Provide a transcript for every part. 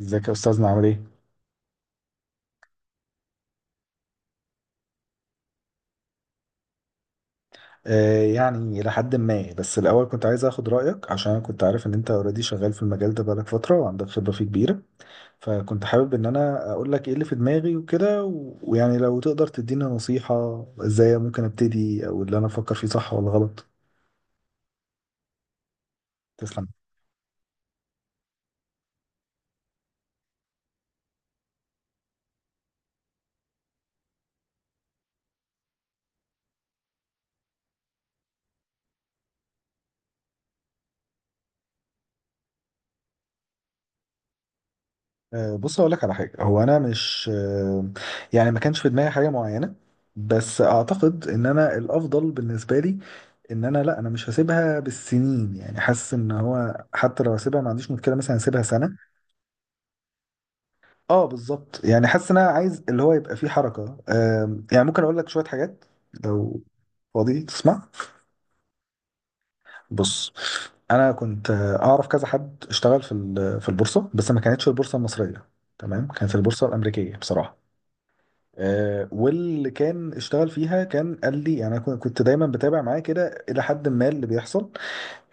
ازيك يا استاذنا، عامل ايه؟ آه، يعني الى حد ما. بس الاول كنت عايز اخد رايك عشان انا كنت عارف ان انت اوريدي شغال في المجال ده بقالك فتره وعندك خبره فيه كبيره. فكنت حابب ان انا اقول لك ايه اللي في دماغي وكده، و- ويعني لو تقدر تدينا نصيحه ازاي ممكن ابتدي، او اللي انا افكر فيه صح ولا غلط؟ تسلم. آه، بص اقول لك على حاجه. هو انا مش يعني ما كانش في دماغي حاجه معينه. بس اعتقد ان انا الافضل بالنسبه لي ان انا، لا انا مش هسيبها بالسنين. يعني حاسس ان هو حتى لو هسيبها ما عنديش مشكله، مثلا هسيبها سنه. اه بالظبط. يعني حاسس ان انا عايز اللي هو يبقى فيه حركه. يعني ممكن اقول لك شويه حاجات لو فاضي تسمع؟ بص، انا كنت اعرف كذا حد اشتغل في البورصه، بس ما كانتش البورصه المصريه. تمام، كانت البورصه الامريكيه بصراحه. واللي كان اشتغل فيها كان قال لي، يعني انا كنت دايما بتابع معاه كده الى حد ما اللي بيحصل.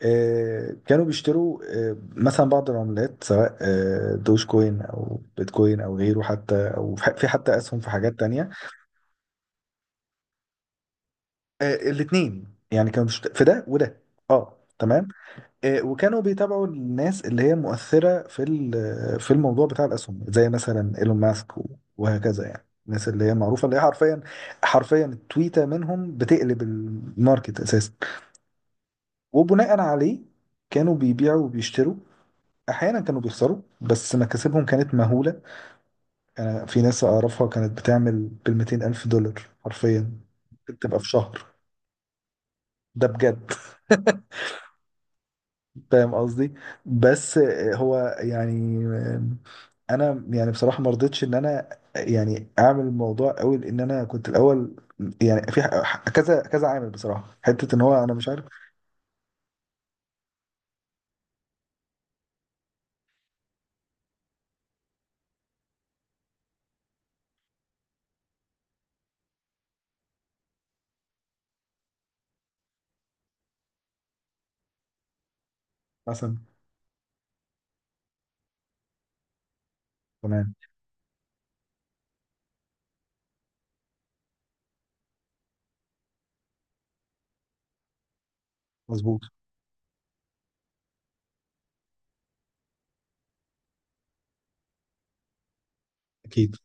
كانوا بيشتروا. مثلا بعض العملات، سواء دوج كوين او بيتكوين او غيره، حتى او في حتى اسهم في حاجات تانية. الاثنين. يعني كانوا في ده وده. اه تمام. وكانوا بيتابعوا الناس اللي هي مؤثرة في الموضوع بتاع الأسهم، زي مثلا إيلون ماسك و- وهكذا. يعني الناس اللي هي معروفة، اللي هي حرفيا حرفيا التويتة منهم بتقلب الماركت أساسا. وبناء عليه، كانوا بيبيعوا وبيشتروا. أحيانا كانوا بيخسروا بس مكاسبهم كانت مهولة. أنا في ناس أعرفها كانت بتعمل بالـ200 ألف دولار حرفيا. ممكن تبقى في شهر. ده بجد. فاهم قصدي؟ بس هو يعني انا، يعني بصراحه ما رضيتش ان انا يعني اعمل الموضوع قوي، لان انا كنت الاول. يعني في كذا كذا عامل بصراحه، حته ان هو انا مش عارف. مثلا. تمام. مظبوط. اكيد.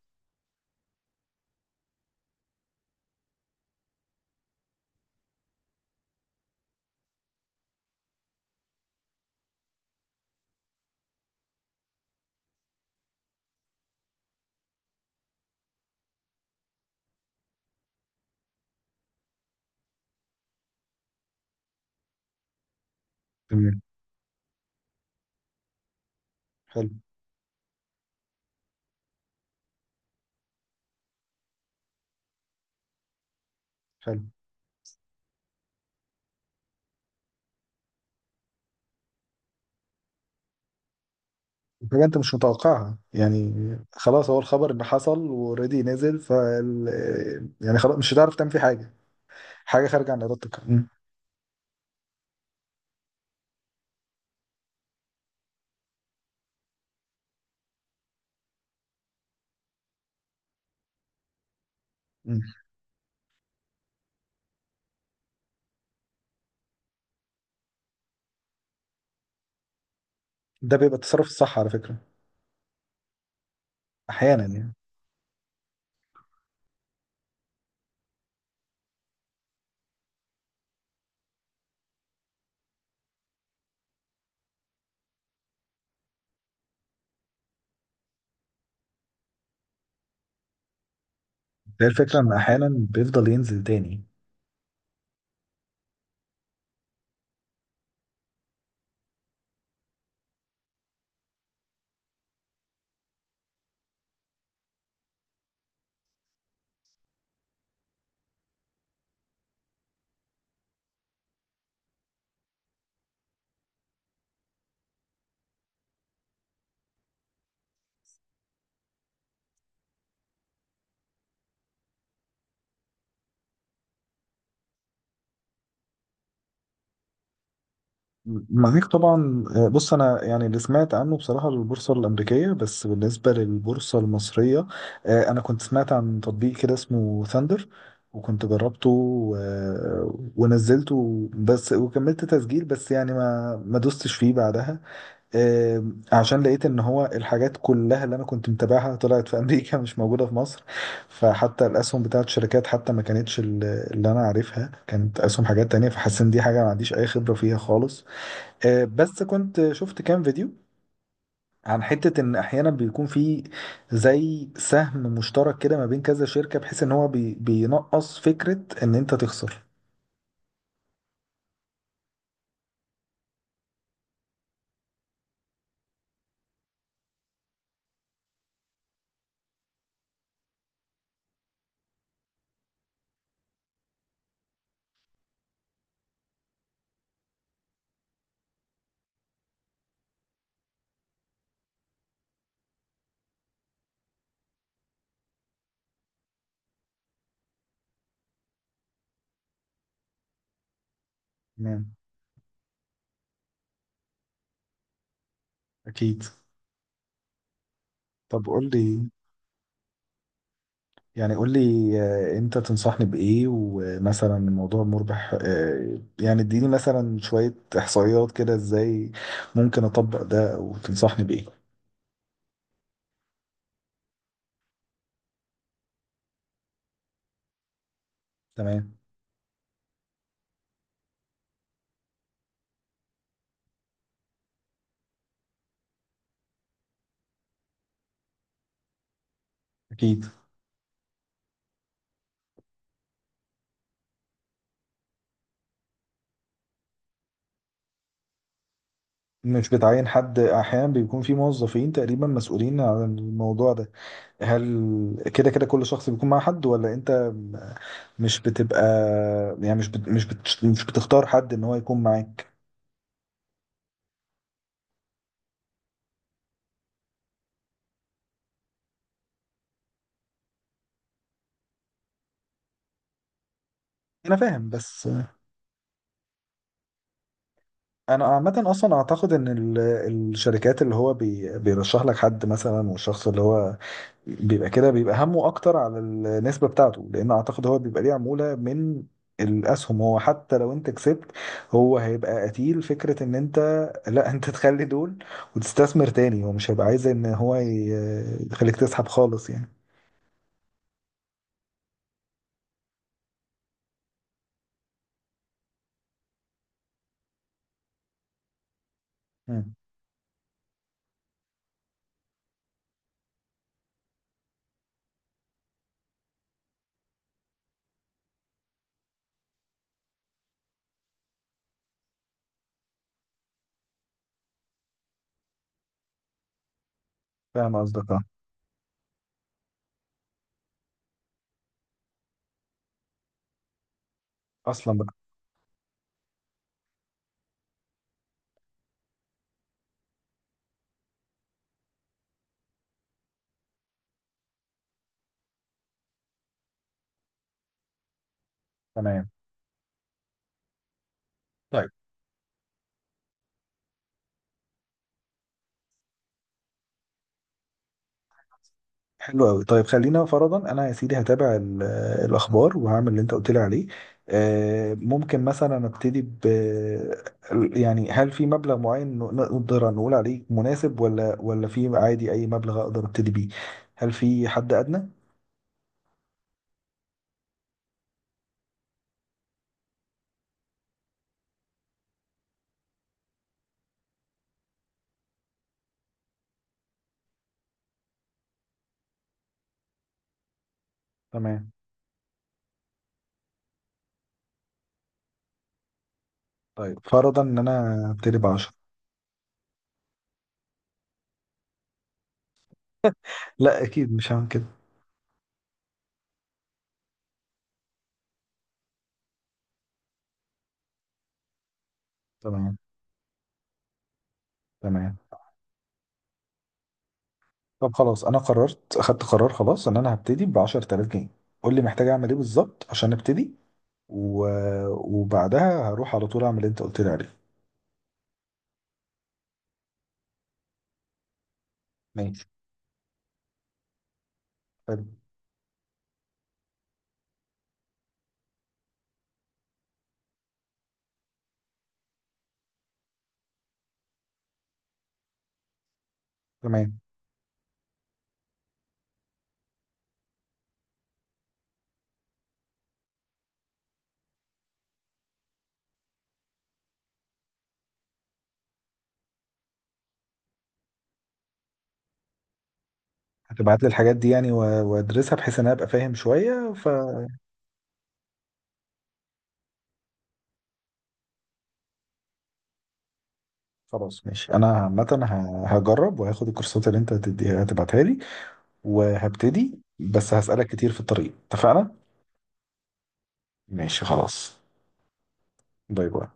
تمام. حلو. حلو. حاجه انت مش متوقعها يعني. خلاص، هو الخبر ان حصل واوريدي نزل، يعني خلاص مش هتعرف تعمل فيه حاجه. حاجه خارجه عن ارادتك م. ده بيبقى التصرف الصح على فكره. احيانا يعني. ده الفكره، ان احيانا بيفضل ينزل تاني. معاك طبعا. بص انا يعني اللي سمعت عنه بصراحه البورصه الامريكيه. بس بالنسبه للبورصه المصريه، انا كنت سمعت عن تطبيق كده اسمه ثاندر. وكنت جربته و- ونزلته بس، وكملت تسجيل بس، يعني ما دوستش فيه بعدها. آه، عشان لقيت ان هو الحاجات كلها اللي انا كنت متابعها طلعت في امريكا، مش موجوده في مصر. فحتى الاسهم بتاعت الشركات حتى ما كانتش اللي انا عارفها، كانت اسهم حاجات تانية، فحسيت ان دي حاجه ما عنديش اي خبره فيها خالص. بس كنت شفت كام فيديو عن حتة ان احيانا بيكون في زي سهم مشترك كده ما بين كذا شركة، بحيث ان هو بينقص فكرة ان انت تخسر. تمام. اكيد. طب قول لي، يعني قول لي، انت تنصحني بايه؟ ومثلا الموضوع مربح؟ يعني اديني مثلا شوية احصائيات كده، ازاي ممكن اطبق ده وتنصحني بايه؟ تمام. اكيد. مش بتعين حد؟ احيانا بيكون في موظفين تقريبا مسؤولين عن الموضوع ده. هل كده كل شخص بيكون مع حد، ولا انت مش بتبقى، يعني مش بتختار حد ان هو يكون معاك؟ انا فاهم بس. انا عامة اصلا اعتقد ان الشركات اللي هو بيرشح لك حد مثلا، والشخص اللي هو بيبقى كده بيبقى همه اكتر على النسبه بتاعته، لان اعتقد هو بيبقى ليه عموله من الاسهم. هو حتى لو انت كسبت، هو هيبقى قتيل فكره ان انت لا، انت تخلي دول وتستثمر تاني. هو مش هيبقى عايز ان هو يخليك تسحب خالص يعني. مم. فاهم قصدك. آه. اصلا بقى. تمام. حلو قوي. طيب خلينا فرضا انا يا سيدي هتابع الاخبار وهعمل اللي انت قلت لي عليه. ممكن مثلا ابتدي يعني هل في مبلغ معين نقدر نقول عليه مناسب، ولا في عادي اي مبلغ اقدر ابتدي بيه؟ هل في حد ادنى؟ تمام. طيب فرضا ان انا ابتدي ب 10. لا اكيد، مش هعمل كده. تمام. تمام. طب خلاص، انا قررت، اخدت قرار خلاص ان انا هبتدي ب 10000 جنيه. قول لي محتاج اعمل ايه بالظبط عشان ابتدي. و... وبعدها هروح على طول اعمل اللي انت قلت لي عليه. ماشي. حلو. تمام. هتبعت لي الحاجات دي يعني، و... وادرسها بحيث ان انا ابقى فاهم شويه. فخلاص ماشي. انا عامه هجرب وهاخد الكورسات اللي انت هتديها هتبعتها لي. وهبتدي، بس هسألك كتير في الطريق، اتفقنا؟ ماشي خلاص. باي باي.